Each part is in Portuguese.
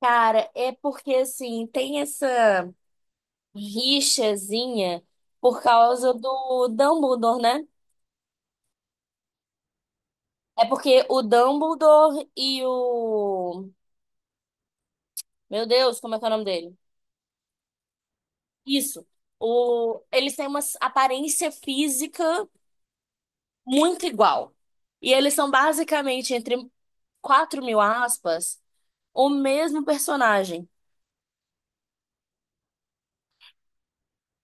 Cara, é porque assim, tem essa rixazinha por causa do Dumbledore, né? É porque o Dumbledore e o. Meu Deus, como é que é o nome dele? Isso. O... eles têm uma aparência física muito igual. E eles são basicamente, entre 4.000 aspas, o mesmo personagem.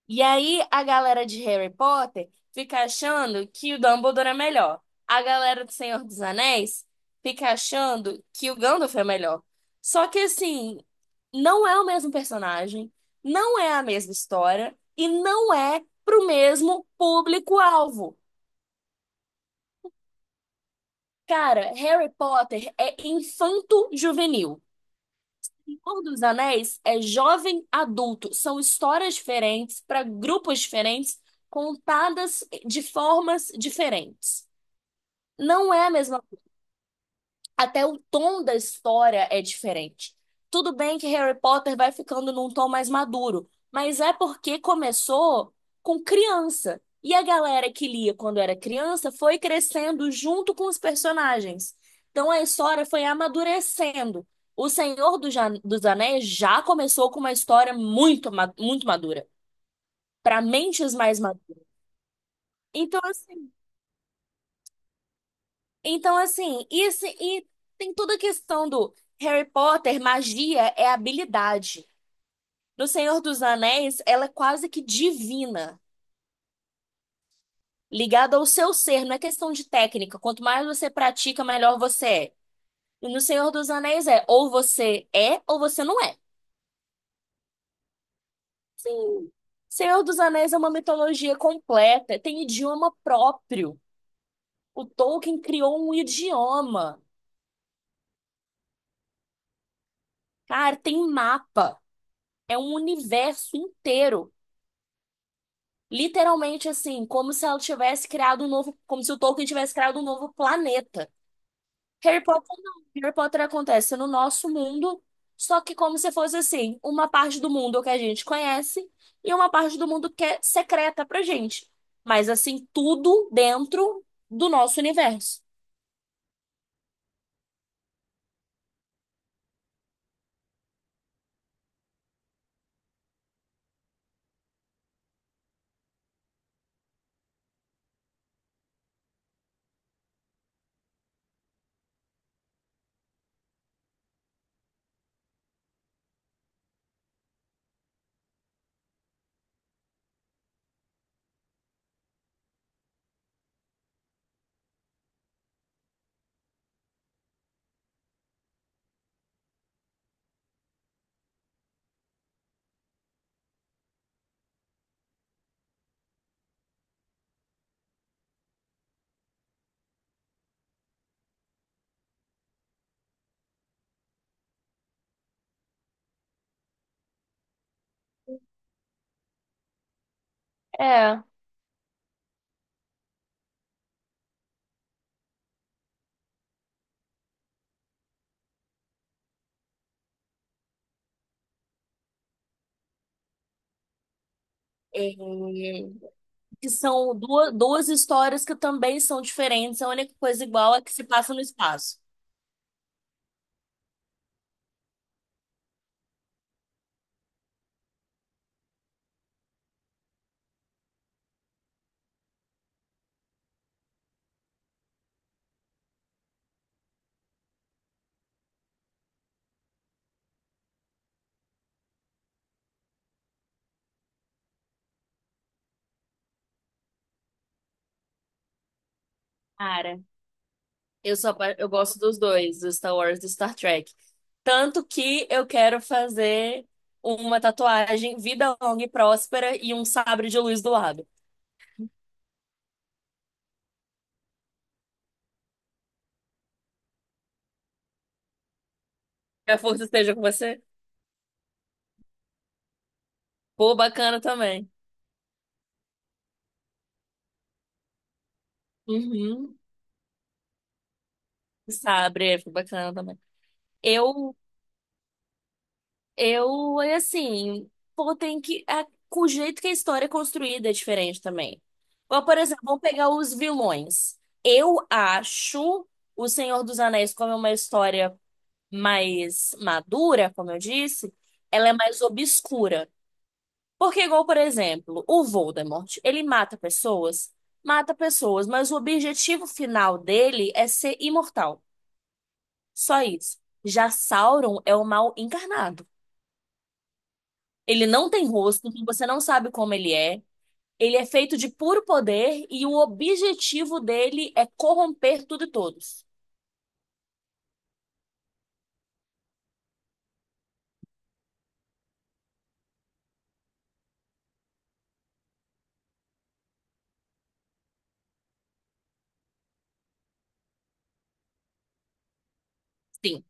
E aí a galera de Harry Potter fica achando que o Dumbledore é melhor. A galera do Senhor dos Anéis fica achando que o Gandalf é melhor. Só que assim, não é o mesmo personagem, não é a mesma história e não é pro mesmo público-alvo. Cara, Harry Potter é infanto-juvenil. Senhor dos Anéis é jovem adulto. São histórias diferentes para grupos diferentes, contadas de formas diferentes. Não é a mesma, até o tom da história é diferente. Tudo bem que Harry Potter vai ficando num tom mais maduro, mas é porque começou com criança. E a galera que lia quando era criança foi crescendo junto com os personagens. Então a história foi amadurecendo. O Senhor dos Anéis já começou com uma história muito madura, para mentes mais maduras. Então, assim. Então, assim, isso e tem toda a questão do Harry Potter, magia é habilidade. No Senhor dos Anéis, ela é quase que divina, ligada ao seu ser, não é questão de técnica. Quanto mais você pratica, melhor você é. E no Senhor dos Anéis é ou você não é. Sim. Senhor dos Anéis é uma mitologia completa, tem idioma próprio. O Tolkien criou um idioma. Cara, tem mapa, é um universo inteiro. Literalmente assim, como se ela tivesse criado um novo, como se o Tolkien tivesse criado um novo planeta. Harry Potter não. Harry Potter acontece no nosso mundo, só que como se fosse assim, uma parte do mundo que a gente conhece e uma parte do mundo que é secreta pra gente. Mas assim, tudo dentro do nosso universo. É. É, que são duas histórias que também são diferentes, a única coisa igual é que se passa no espaço. Cara, eu sou, eu gosto dos dois, do Star Wars e do Star Trek. Tanto que eu quero fazer uma tatuagem vida longa e próspera e um sabre de luz do lado. Que a força esteja com você. Pô, bacana também. Uhum. Sabre, é, foi bacana também. Eu, eu é assim, pô, tem que. A, o jeito que a história é construída é diferente também. Ou, por exemplo, vamos pegar os vilões. Eu acho o Senhor dos Anéis como uma história mais madura, como eu disse, ela é mais obscura. Porque, igual, por exemplo, o Voldemort, ele mata pessoas, mas o objetivo final dele é ser imortal. Só isso. Já Sauron é o mal encarnado. Ele não tem rosto, então você não sabe como ele é. Ele é feito de puro poder e o objetivo dele é corromper tudo e todos. Sim.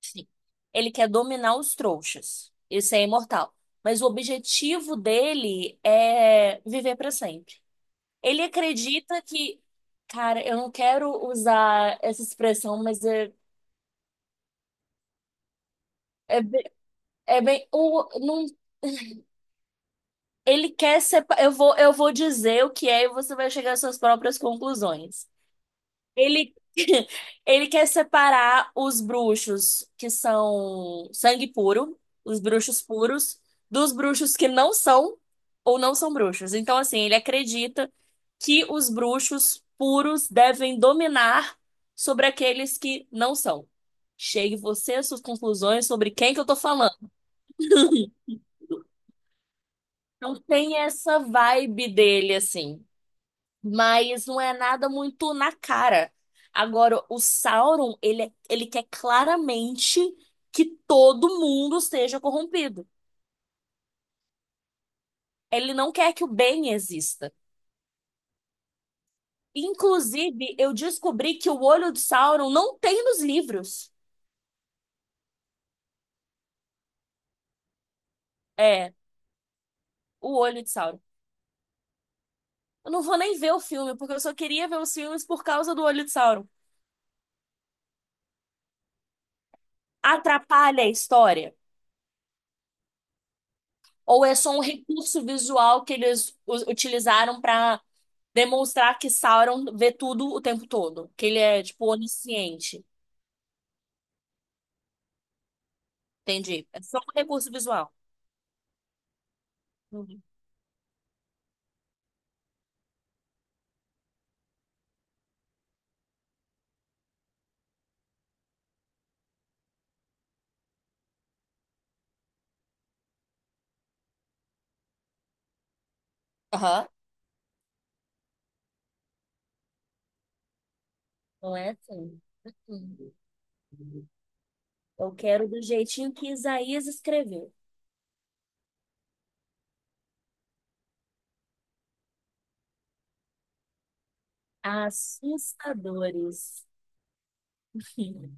Sim. Ele quer dominar os trouxas. Isso é imortal. Mas o objetivo dele é viver para sempre. Ele acredita que, cara, eu não quero usar essa expressão, mas é, é, é bem, o, não, ele quer ser, eu vou dizer o que é e você vai chegar às suas próprias conclusões. Ele, ele quer separar os bruxos que são sangue puro, os bruxos puros, dos bruxos que não são ou não são bruxos. Então, assim, ele acredita que os bruxos puros devem dominar sobre aqueles que não são. Chegue você às suas conclusões sobre quem que eu tô falando. Então, tem essa vibe dele, assim. Mas não é nada muito na cara. Agora, o Sauron, ele, ele quer claramente que todo mundo seja corrompido. Ele não quer que o bem exista. Inclusive, eu descobri que o olho de Sauron não tem nos livros. É, o olho de Sauron. Eu não vou nem ver o filme, porque eu só queria ver os filmes por causa do olho de Sauron. Atrapalha a história? Ou é só um recurso visual que eles utilizaram para demonstrar que Sauron vê tudo o tempo todo, que ele é, tipo, onisciente. Entendi. É só um recurso visual. Uhum. Aham. Não é assim. Uhum. Eu quero do jeitinho que Isaías escreveu. Assustadores.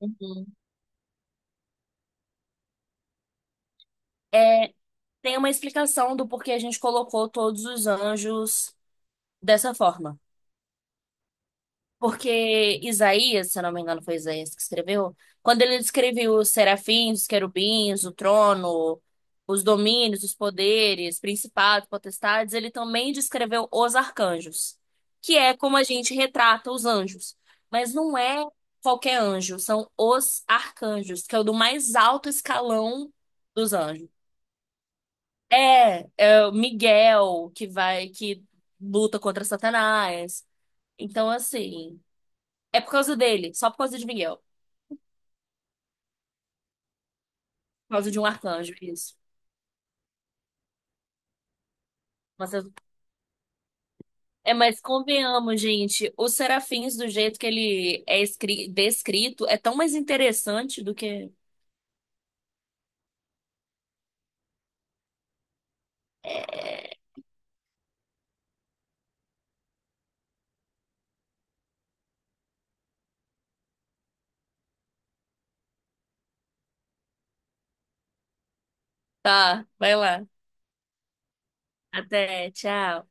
Uhum. É, tem uma explicação do porquê a gente colocou todos os anjos dessa forma. Porque Isaías, se eu não me engano, foi Isaías que escreveu, quando ele descreveu os serafins, os querubins, o trono, os domínios, os poderes, principados, potestades, ele também descreveu os arcanjos, que é como a gente retrata os anjos. Mas não é qualquer anjo, são os arcanjos, que é o do mais alto escalão dos anjos. É, é o Miguel que vai, que luta contra Satanás. Então, assim. É por causa dele, só por causa de Miguel. Por causa de um arcanjo, isso. Mas, é, mas convenhamos, gente, os serafins, do jeito que ele é descrito, é tão mais interessante do que. Tá, vai lá. Até, tchau.